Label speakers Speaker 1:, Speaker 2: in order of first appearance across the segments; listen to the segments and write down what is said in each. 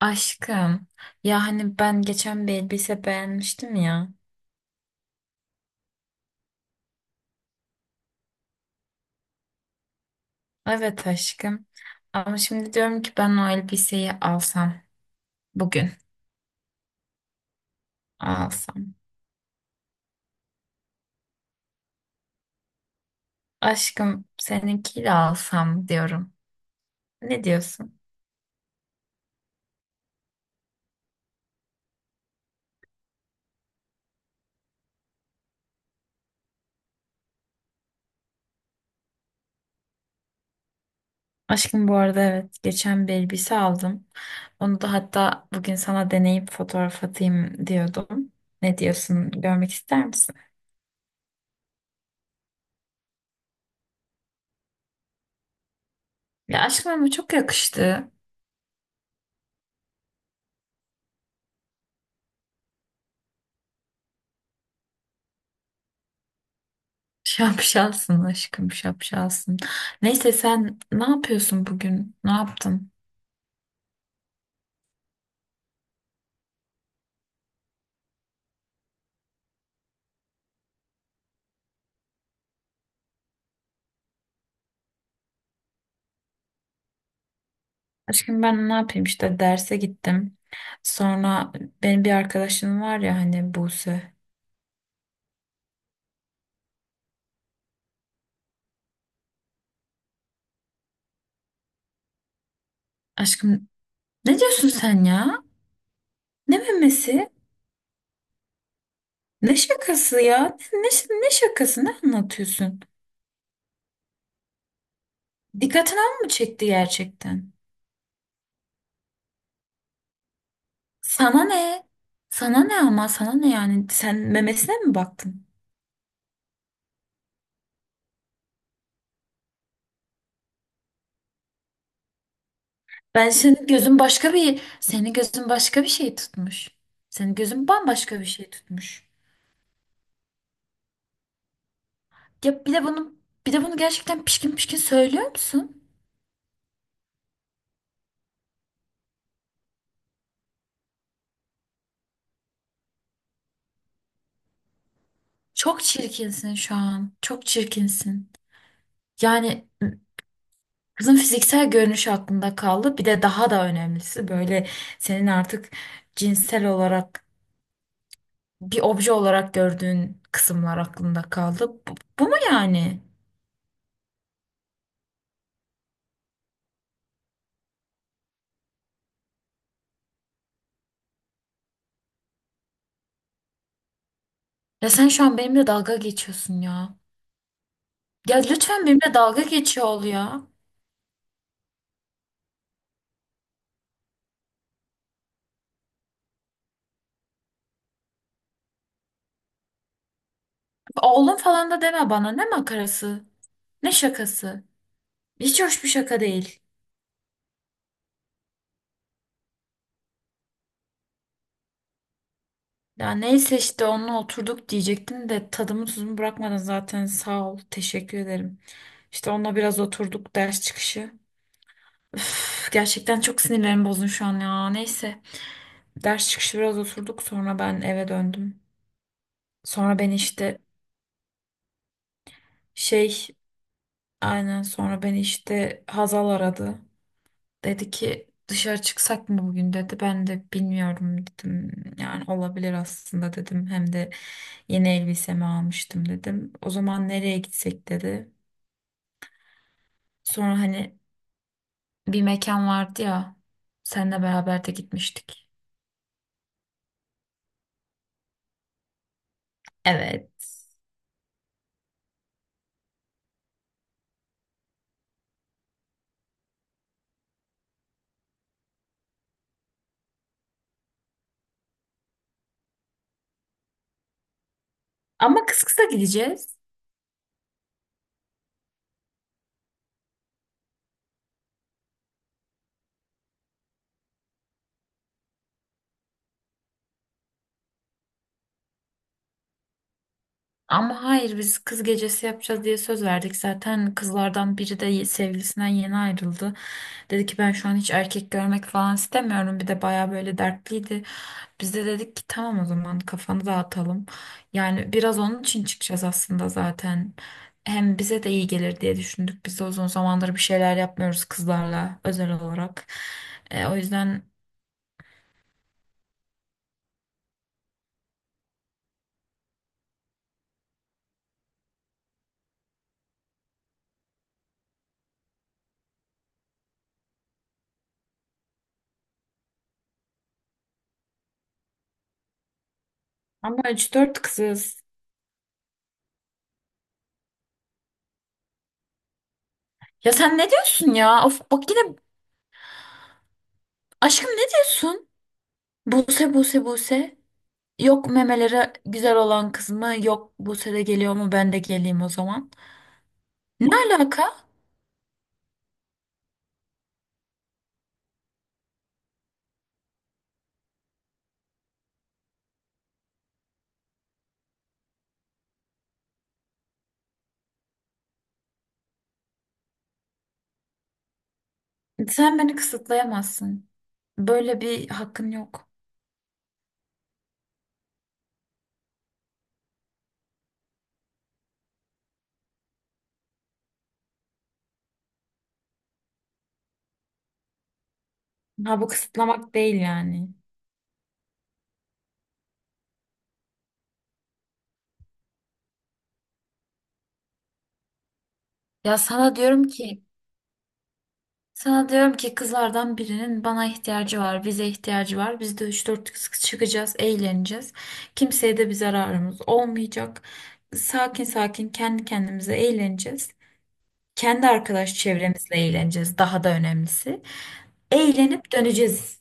Speaker 1: Aşkım. Ya hani ben geçen bir elbise beğenmiştim ya. Evet aşkım. Ama şimdi diyorum ki ben o elbiseyi alsam. Bugün alsam. Aşkım seninkiyle alsam diyorum. Ne diyorsun? Aşkım bu arada evet geçen bir elbise aldım. Onu da hatta bugün sana deneyip fotoğraf atayım diyordum. Ne diyorsun? Görmek ister misin? Ya aşkım ama çok yakıştı. Şapşalsın aşkım şapşalsın. Neyse sen ne yapıyorsun bugün? Ne yaptın? Aşkım ben ne yapayım işte derse gittim. Sonra benim bir arkadaşım var ya hani Buse. Aşkım ne diyorsun sen ya? Ne memesi? Ne şakası ya? Ne şakası? Ne anlatıyorsun? Dikkatini al mı çekti gerçekten? Sana ne? Sana ne ama sana ne yani? Sen memesine mi baktın? Ben senin gözün başka bir Senin gözün başka bir şey tutmuş. Senin gözün bambaşka bir şey tutmuş. Ya bir de bunu Bir de bunu gerçekten pişkin pişkin söylüyor musun? Çok çirkinsin şu an. Çok çirkinsin. Yani kızın fiziksel görünüşü aklında kaldı. Bir de daha da önemlisi böyle senin artık cinsel olarak bir obje olarak gördüğün kısımlar aklında kaldı. Bu, bu mu yani? Ya sen şu an benimle dalga geçiyorsun ya. Ya lütfen benimle dalga geçiyor ol ya. Oğlum falan da deme bana. Ne makarası? Ne şakası? Hiç hoş bir şaka değil. Ya neyse işte onunla oturduk diyecektim de tadımı tuzumu bırakmadın zaten sağ ol teşekkür ederim. İşte onunla biraz oturduk ders çıkışı. Üf, gerçekten çok sinirlerim bozdun şu an ya neyse. Ders çıkışı biraz oturduk sonra ben eve döndüm. Sonra beni işte şey aynen sonra beni işte Hazal aradı. Dedi ki dışarı çıksak mı bugün dedi. Ben de bilmiyorum dedim. Yani olabilir aslında dedim. Hem de yeni elbisemi almıştım dedim. O zaman nereye gitsek dedi. Sonra hani bir mekan vardı ya. Seninle beraber de gitmiştik. Evet. Ama kısa gideceğiz. Ama hayır biz kız gecesi yapacağız diye söz verdik. Zaten kızlardan biri de sevgilisinden yeni ayrıldı. Dedi ki ben şu an hiç erkek görmek falan istemiyorum. Bir de baya böyle dertliydi. Biz de dedik ki tamam o zaman kafanı dağıtalım. Yani biraz onun için çıkacağız aslında zaten. Hem bize de iyi gelir diye düşündük. Biz de uzun zamandır bir şeyler yapmıyoruz kızlarla özel olarak. O yüzden ama üç dört kızız. Ya sen ne diyorsun ya? Of bak yine aşkım ne diyorsun? Buse Buse Buse. Yok memelere güzel olan kız mı? Yok Buse de geliyor mu? Ben de geleyim o zaman. Ne alaka? Sen beni kısıtlayamazsın. Böyle bir hakkın yok. Ha bu kısıtlamak değil yani. Ya sana diyorum ki Sana diyorum ki kızlardan birinin bana ihtiyacı var, bize ihtiyacı var. Biz de üç dört kız çıkacağız, eğleneceğiz. Kimseye de bir zararımız olmayacak. Sakin sakin kendi kendimize eğleneceğiz. Kendi arkadaş çevremizle eğleneceğiz. Daha da önemlisi. Eğlenip döneceğiz.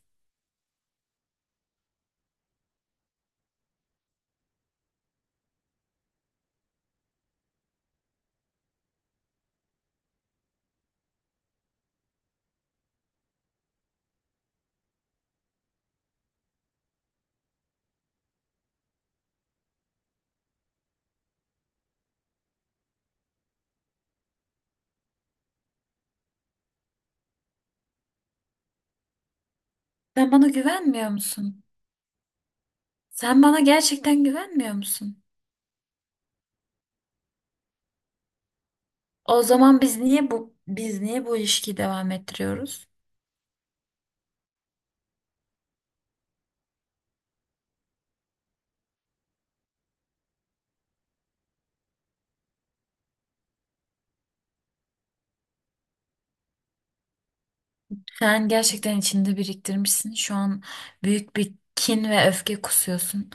Speaker 1: Sen bana güvenmiyor musun? Sen bana gerçekten güvenmiyor musun? O zaman biz niye bu ilişkiyi devam ettiriyoruz? Sen gerçekten içinde biriktirmişsin. Şu an büyük bir kin ve öfke kusuyorsun.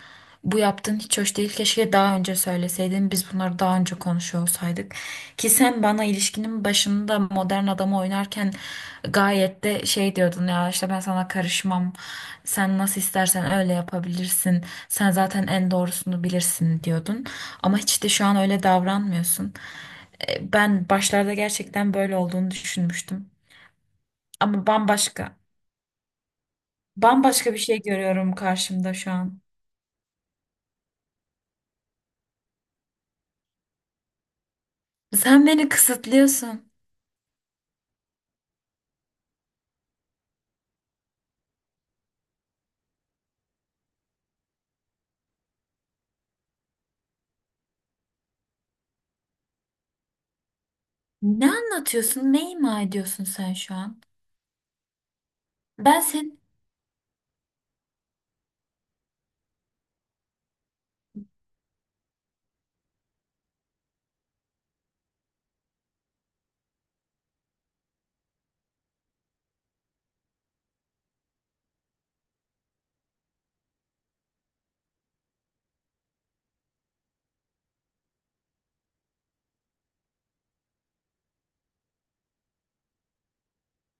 Speaker 1: Bu yaptığın hiç hoş değil. Keşke daha önce söyleseydin. Biz bunları daha önce konuşuyor olsaydık. Ki sen bana ilişkinin başında modern adamı oynarken gayet de şey diyordun ya işte ben sana karışmam. Sen nasıl istersen öyle yapabilirsin. Sen zaten en doğrusunu bilirsin diyordun. Ama hiç de şu an öyle davranmıyorsun. Ben başlarda gerçekten böyle olduğunu düşünmüştüm. Ama bambaşka. Bambaşka bir şey görüyorum karşımda şu an. Sen beni kısıtlıyorsun. Ne anlatıyorsun? Ne ima ediyorsun sen şu an? Ben seni,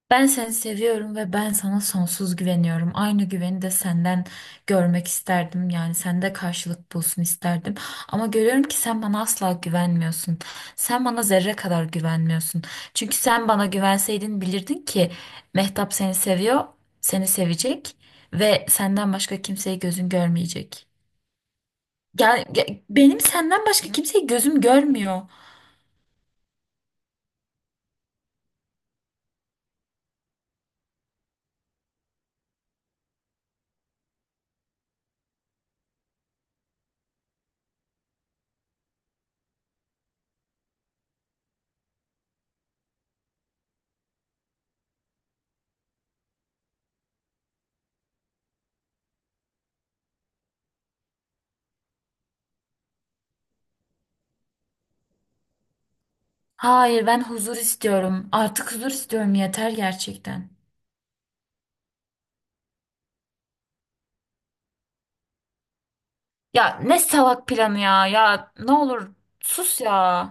Speaker 1: Ben seni seviyorum ve ben sana sonsuz güveniyorum. Aynı güveni de senden görmek isterdim. Yani sende karşılık bulsun isterdim. Ama görüyorum ki sen bana asla güvenmiyorsun. Sen bana zerre kadar güvenmiyorsun. Çünkü sen bana güvenseydin bilirdin ki Mehtap seni seviyor, seni sevecek ve senden başka kimseyi gözün görmeyecek. Benim senden başka kimseyi gözüm görmüyor. Hayır ben huzur istiyorum. Artık huzur istiyorum yeter gerçekten. Ya ne salak planı ya. Ya ne olur sus ya.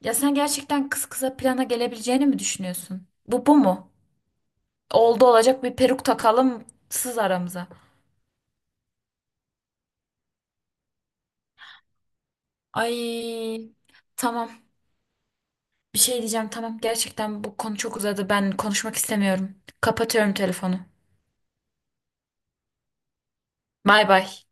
Speaker 1: Ya sen gerçekten kız kıza plana gelebileceğini mi düşünüyorsun? Bu bu mu? Oldu olacak bir peruk takalım sız aramıza. Ay tamam. Bir şey diyeceğim tamam. Gerçekten bu konu çok uzadı. Ben konuşmak istemiyorum. Kapatıyorum telefonu. Bay bay.